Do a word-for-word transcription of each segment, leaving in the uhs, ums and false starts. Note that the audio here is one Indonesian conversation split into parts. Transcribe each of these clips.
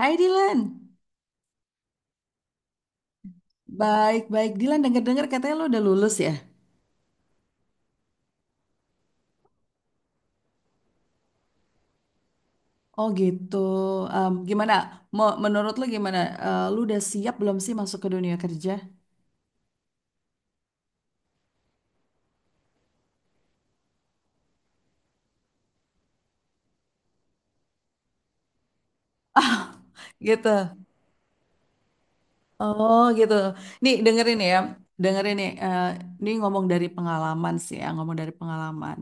Hai Dilan, baik-baik. Dilan denger-denger katanya lo udah lulus ya? Oh gitu. Em, gimana? Mo- menurut lo gimana? Eh, lo udah siap belum sih masuk ke dunia kerja? Gitu. Oh gitu. Nih dengerin ya, dengerin nih. Eh, ini ngomong dari pengalaman sih ya, ngomong dari pengalaman.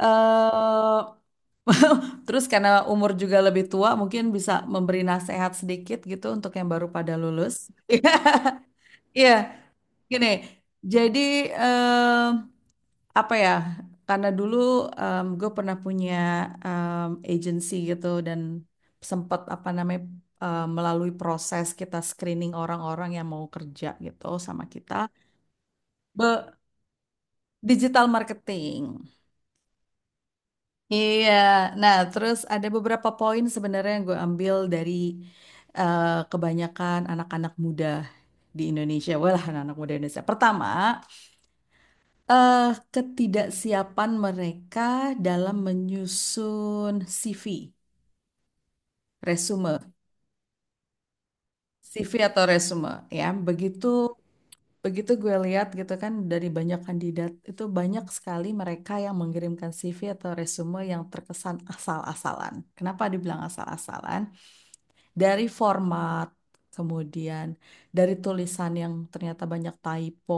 eh Terus karena umur juga lebih tua, mungkin bisa memberi nasihat sedikit gitu untuk yang baru pada lulus. Iya, gini. Jadi apa ya, karena dulu gue pernah punya em, agency gitu dan sempat apa namanya, em, melalui proses kita screening orang-orang yang mau kerja gitu sama kita. Be- Digital marketing, iya. Nah, terus ada beberapa poin sebenarnya yang gue ambil dari eh, kebanyakan anak-anak muda di Indonesia. Walah, anak-anak muda Indonesia. Pertama, eh ketidaksiapan mereka dalam menyusun C V, resume, C V atau resume ya. Begitu begitu gue lihat gitu kan, dari banyak kandidat itu banyak sekali mereka yang mengirimkan C V atau resume yang terkesan asal-asalan. Kenapa dibilang asal-asalan? Dari format, kemudian dari tulisan yang ternyata banyak typo,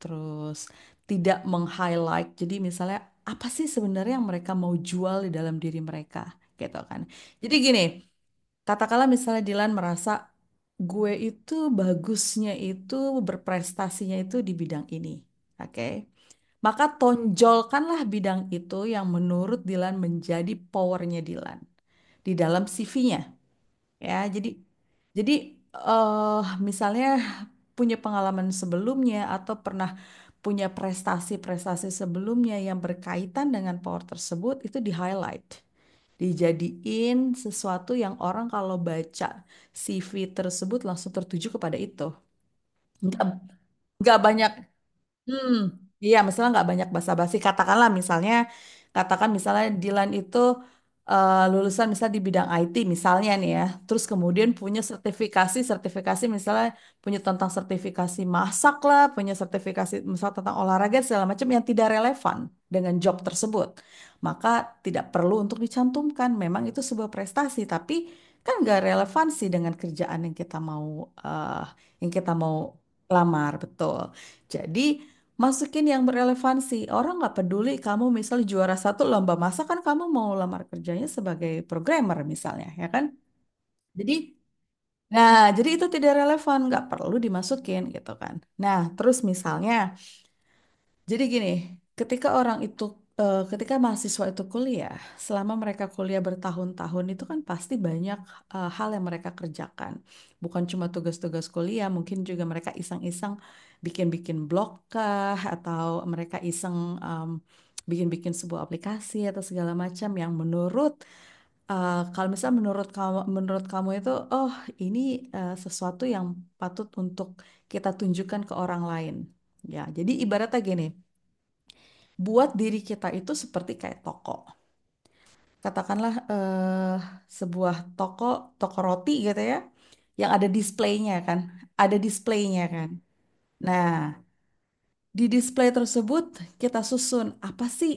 terus tidak meng-highlight. Jadi misalnya apa sih sebenarnya yang mereka mau jual di dalam diri mereka gitu kan. Jadi gini, katakanlah misalnya Dilan merasa gue itu bagusnya itu berprestasinya itu di bidang ini. Oke. Maka tonjolkanlah bidang itu yang menurut Dilan menjadi powernya Dilan di dalam C V-nya. Ya, jadi jadi eh misalnya punya pengalaman sebelumnya atau pernah punya prestasi-prestasi sebelumnya yang berkaitan dengan power tersebut itu di-highlight. Dijadiin sesuatu yang orang kalau baca C V tersebut langsung tertuju kepada itu. Nggak, nggak banyak. Hmm, iya, misalnya nggak banyak basa-basi. Katakanlah misalnya, katakan misalnya Dilan itu eh, lulusan misalnya di bidang I T misalnya nih ya. Terus kemudian punya sertifikasi, sertifikasi misalnya punya tentang sertifikasi masak lah, punya sertifikasi misalnya tentang olahraga segala macam yang tidak relevan dengan job tersebut. Maka tidak perlu untuk dicantumkan. Memang itu sebuah prestasi, tapi kan nggak relevansi dengan kerjaan yang kita mau eh, yang kita mau lamar, betul. Jadi masukin yang berelevansi. Orang nggak peduli kamu misal juara satu lomba masak kan kamu mau lamar kerjanya sebagai programmer misalnya, ya kan? Jadi, nah jadi itu tidak relevan, nggak perlu dimasukin gitu kan. Nah, terus misalnya jadi gini, ketika orang itu, eh, ketika mahasiswa itu kuliah, selama mereka kuliah bertahun-tahun itu kan pasti banyak eh, hal yang mereka kerjakan. Bukan cuma tugas-tugas kuliah, mungkin juga mereka iseng-iseng bikin-bikin blog kah, atau mereka iseng em, bikin-bikin sebuah aplikasi atau segala macam yang menurut eh, kalau misalnya menurut kamu menurut kamu itu, oh ini, eh, sesuatu yang patut untuk kita tunjukkan ke orang lain. Ya, jadi ibaratnya gini, buat diri kita itu seperti kayak toko. Katakanlah eh, sebuah toko, toko roti gitu ya, yang ada displaynya kan, ada displaynya kan. Nah, di display tersebut kita susun apa sih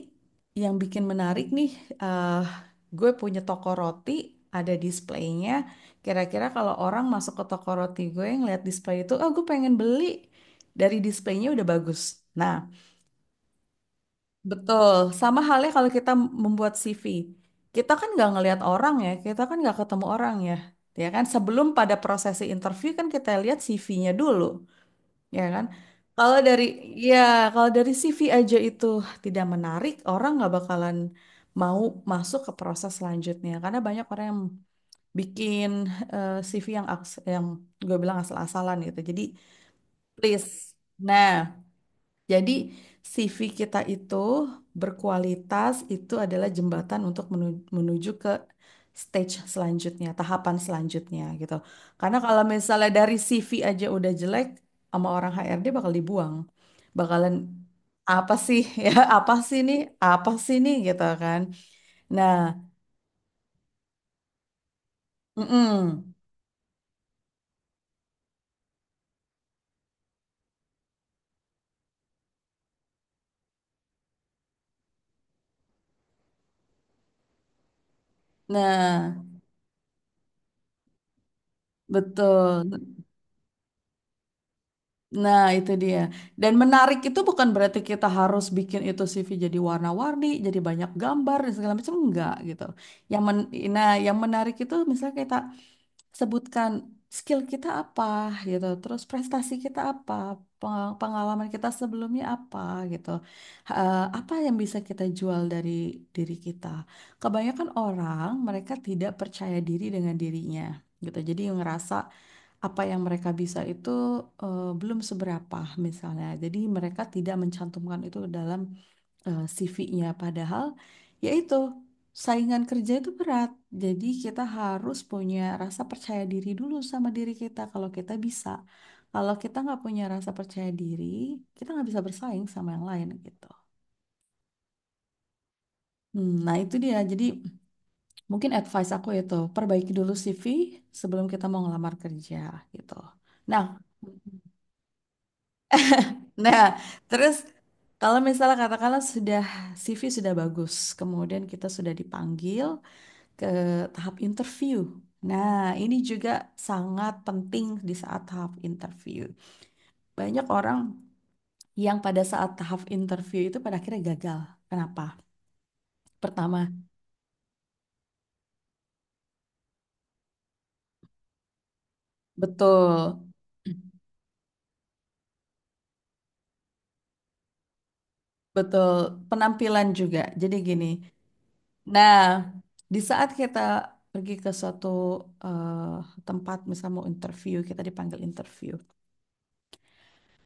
yang bikin menarik nih? eh gue punya toko roti, ada displaynya. Kira-kira kalau orang masuk ke toko roti gue ngeliat display itu, oh gue pengen beli. Dari displaynya udah bagus. Nah, betul, sama halnya kalau kita membuat C V. Kita kan nggak ngelihat orang ya, kita kan nggak ketemu orang ya. Ya kan, sebelum pada prosesi interview kan kita lihat C V-nya dulu, ya kan? Kalau dari ya, kalau dari C V aja itu tidak menarik, orang nggak bakalan mau masuk ke proses selanjutnya karena banyak orang yang bikin eh, C V yang aks- yang gue bilang asal-asalan gitu. Jadi, please. Nah, jadi C V kita itu berkualitas itu adalah jembatan untuk menu- menuju ke stage selanjutnya, tahapan selanjutnya gitu. Karena kalau misalnya dari C V aja udah jelek, sama orang H R D bakal dibuang. Bakalan apa sih, ya, apa sih nih, apa sih nih gitu kan. Nah, mm-mm. Nah, betul. Nah, itu dia. Dan menarik itu bukan berarti kita harus bikin itu C V jadi warna-warni, jadi banyak gambar dan segala macam, enggak gitu. Yang men nah, yang menarik itu misalnya kita sebutkan skill kita apa gitu, terus prestasi kita apa, peng- pengalaman kita sebelumnya apa gitu. Eh, apa yang bisa kita jual dari diri kita? Kebanyakan orang mereka tidak percaya diri dengan dirinya gitu. Jadi ngerasa apa yang mereka bisa itu, eh, belum seberapa misalnya. Jadi mereka tidak mencantumkan itu ke dalam C V-nya padahal yaitu saingan kerja itu berat. Jadi kita harus punya rasa percaya diri dulu sama diri kita kalau kita bisa. Kalau kita nggak punya rasa percaya diri, kita nggak bisa bersaing sama yang lain gitu. Hmm, nah itu dia, jadi mungkin advice aku itu perbaiki dulu C V sebelum kita mau ngelamar kerja gitu. Nah Nah, terus kalau misalnya katakanlah sudah C V sudah bagus, kemudian kita sudah dipanggil ke tahap interview. Nah, ini juga sangat penting di saat tahap interview. Banyak orang yang pada saat tahap interview itu pada akhirnya gagal. Kenapa? Pertama, betul, betul, penampilan juga. Jadi gini. Nah, di saat kita pergi ke suatu eh, tempat, misal mau interview, kita dipanggil interview.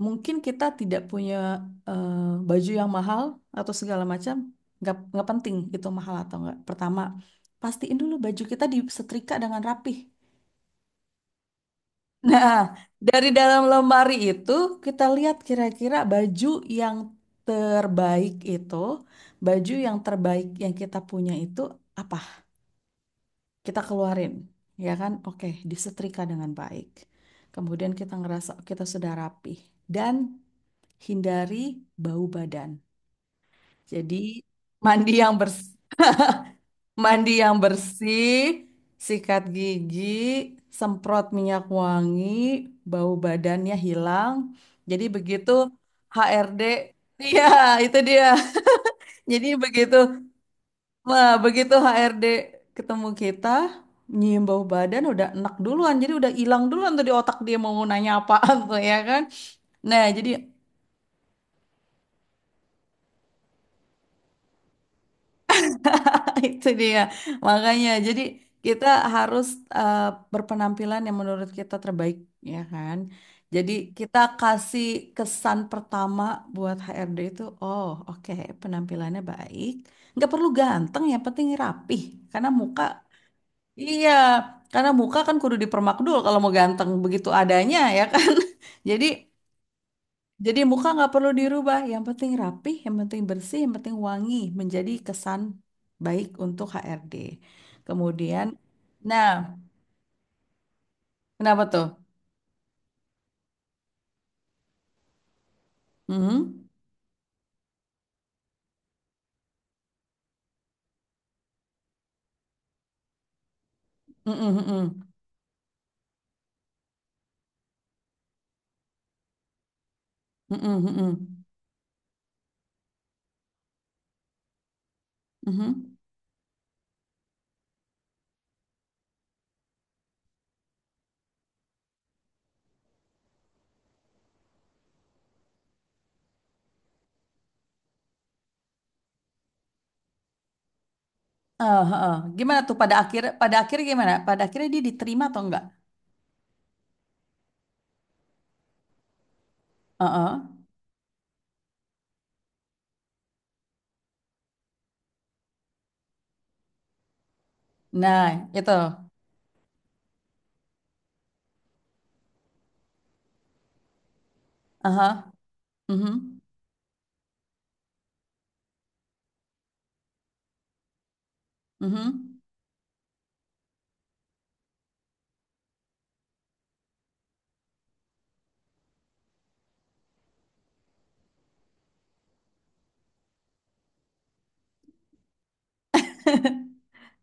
Mungkin kita tidak punya eh, baju yang mahal atau segala macam. nggak nggak penting itu mahal atau nggak. Pertama, pastiin dulu baju kita disetrika dengan rapih. Nah, dari dalam lemari itu kita lihat kira-kira baju yang terbaik itu, baju yang terbaik yang kita punya itu apa, kita keluarin, ya kan, oke, disetrika dengan baik. Kemudian kita ngerasa kita sudah rapih dan hindari bau badan. Jadi mandi yang bersih, mandi yang bersih, sikat gigi, semprot minyak wangi, bau badannya hilang. Jadi begitu H R D, iya, itu dia. Jadi begitu, nah, begitu H R D ketemu kita, nyium bau badan udah enak duluan. Jadi udah hilang duluan tuh di otak dia mau nanya apaan tuh, ya kan. Nah, jadi, itu dia, makanya. Jadi kita harus eh, berpenampilan yang menurut kita terbaik, ya kan? Jadi kita kasih kesan pertama buat H R D itu, oh oke, penampilannya baik. Nggak perlu ganteng, yang penting rapih. Karena muka, iya, karena muka kan kudu dipermak dulu kalau mau ganteng begitu adanya, ya kan? Jadi jadi muka nggak perlu dirubah, yang penting rapih, yang penting bersih, yang penting wangi, menjadi kesan baik untuk H R D. Kemudian, nah, kenapa tuh? Mhm. Mhm, mhm. Mhm, mhm. Mhm. Ah, ah, ah. Gimana tuh, pada akhir pada akhir gimana? Pada akhirnya dia diterima atau enggak? Ah, ah. Nah, itu. Aha. Mhm. Mhm.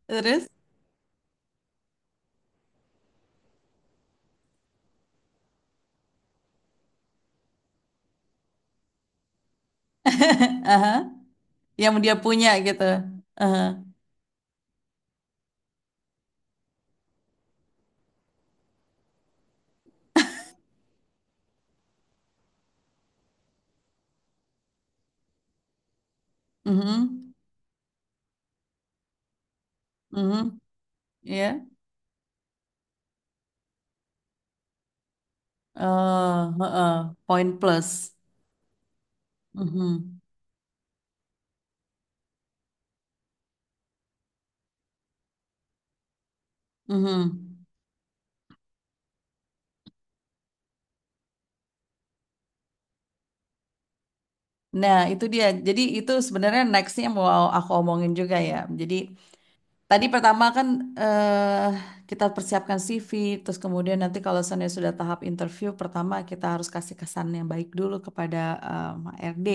Terus? Aha. Yang dia punya gitu. Aha. Mhm. Mhm. Ya. eh heeh, poin plus. Mhm, mhm. Nah, itu dia. Jadi itu sebenarnya nextnya mau aku omongin juga ya. Jadi tadi pertama kan eh kita persiapkan C V, terus kemudian nanti kalau seandainya sudah tahap interview, pertama kita harus kasih kesan yang baik dulu kepada em, H R D.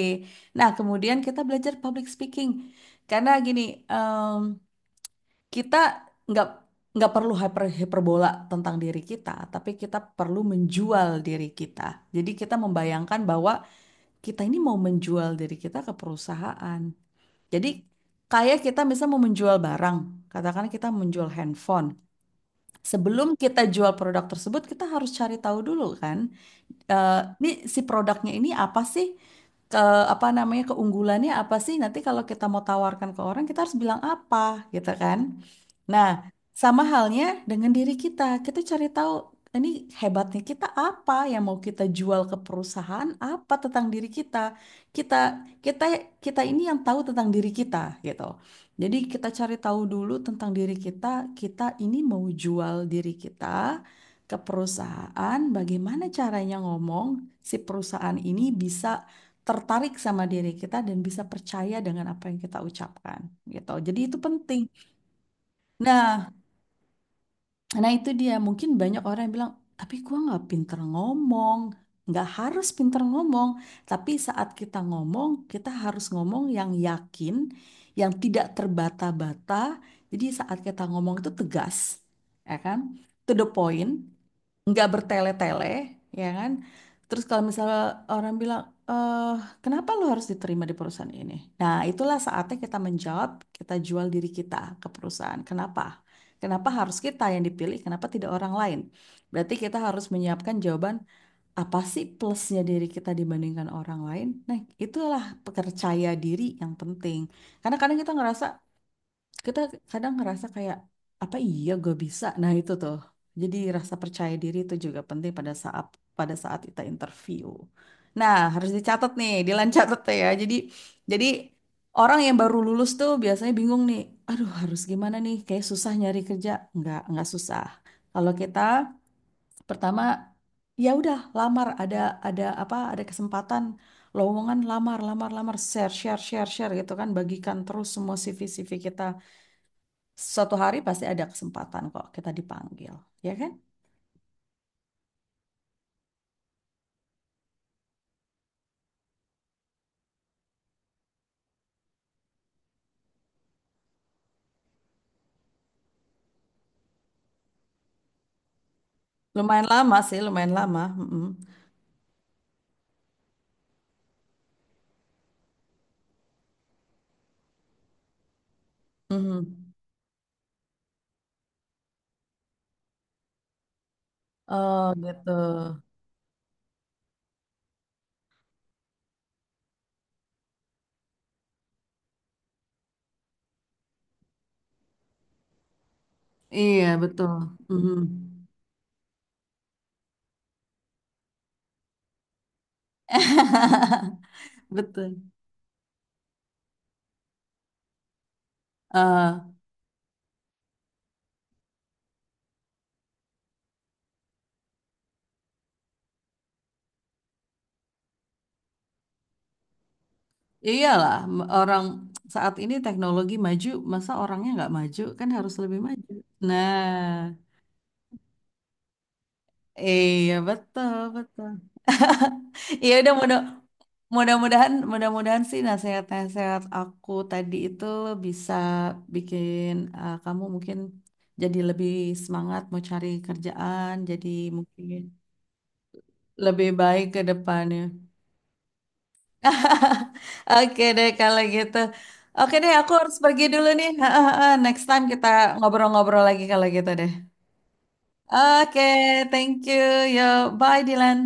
Nah, kemudian kita belajar public speaking. Karena gini, kita nggak nggak perlu hyper hiperbola tentang diri kita, tapi kita perlu menjual diri kita. Jadi kita membayangkan bahwa kita ini mau menjual diri kita ke perusahaan. Jadi kayak kita misal mau menjual barang, katakan kita menjual handphone. Sebelum kita jual produk tersebut, kita harus cari tahu dulu kan, eh, ini si produknya ini apa sih? Ke, apa namanya, keunggulannya apa sih? Nanti kalau kita mau tawarkan ke orang kita harus bilang apa gitu kan? Nah, sama halnya dengan diri kita. Kita cari tahu ini hebatnya kita apa yang mau kita jual ke perusahaan apa tentang diri kita. Kita kita kita ini yang tahu tentang diri kita gitu. Jadi kita cari tahu dulu tentang diri kita, kita ini mau jual diri kita ke perusahaan, bagaimana caranya ngomong si perusahaan ini bisa tertarik sama diri kita dan bisa percaya dengan apa yang kita ucapkan gitu. Jadi itu penting. Nah, nah itu dia, mungkin banyak orang yang bilang, tapi gua nggak pinter ngomong. Nggak harus pinter ngomong, tapi saat kita ngomong, kita harus ngomong yang yakin, yang tidak terbata-bata. Jadi saat kita ngomong itu tegas, ya kan? To the point, nggak bertele-tele, ya kan? Terus kalau misalnya orang bilang, eh kenapa lo harus diterima di perusahaan ini? Nah, itulah saatnya kita menjawab, kita jual diri kita ke perusahaan. Kenapa? Kenapa harus kita yang dipilih? Kenapa tidak orang lain? Berarti kita harus menyiapkan jawaban, apa sih plusnya diri kita dibandingkan orang lain? Nah, itulah percaya diri yang penting. Karena kadang kita ngerasa, kita kadang ngerasa kayak apa iya gue bisa, nah itu tuh, jadi rasa percaya diri itu juga penting pada saat pada saat kita interview. Nah, harus dicatat nih Dilan, catat tuh ya. Jadi jadi orang yang baru lulus tuh biasanya bingung nih, aduh harus gimana nih, kayak susah nyari kerja. nggak nggak susah kalau kita. Pertama, ya udah lamar, ada ada apa ada kesempatan lowongan, lamar lamar lamar, share share share share gitu kan, bagikan terus semua C V C V kita. Suatu hari pasti ada kesempatan kok kita dipanggil, ya kan? Lumayan lama sih, lumayan lama. Mm-mm. Mhm. Oh gitu. Iya betul. Mhm. Betul. Eh, Iyalah m- orang saat ini teknologi maju, masa orangnya nggak maju kan harus lebih maju. Nah, iya betul betul. Iya, udah. mudah Mudah-mudahan, mudah-mudahan sih nasihat-nasihat aku tadi itu bisa bikin eh, kamu mungkin jadi lebih semangat mau cari kerjaan, jadi mungkin lebih baik ke depannya. Oke deh kalau gitu. Oke deh, aku harus pergi dulu nih. Next time kita ngobrol-ngobrol lagi kalau gitu deh. Oke, thank you. Yo, bye Dylan.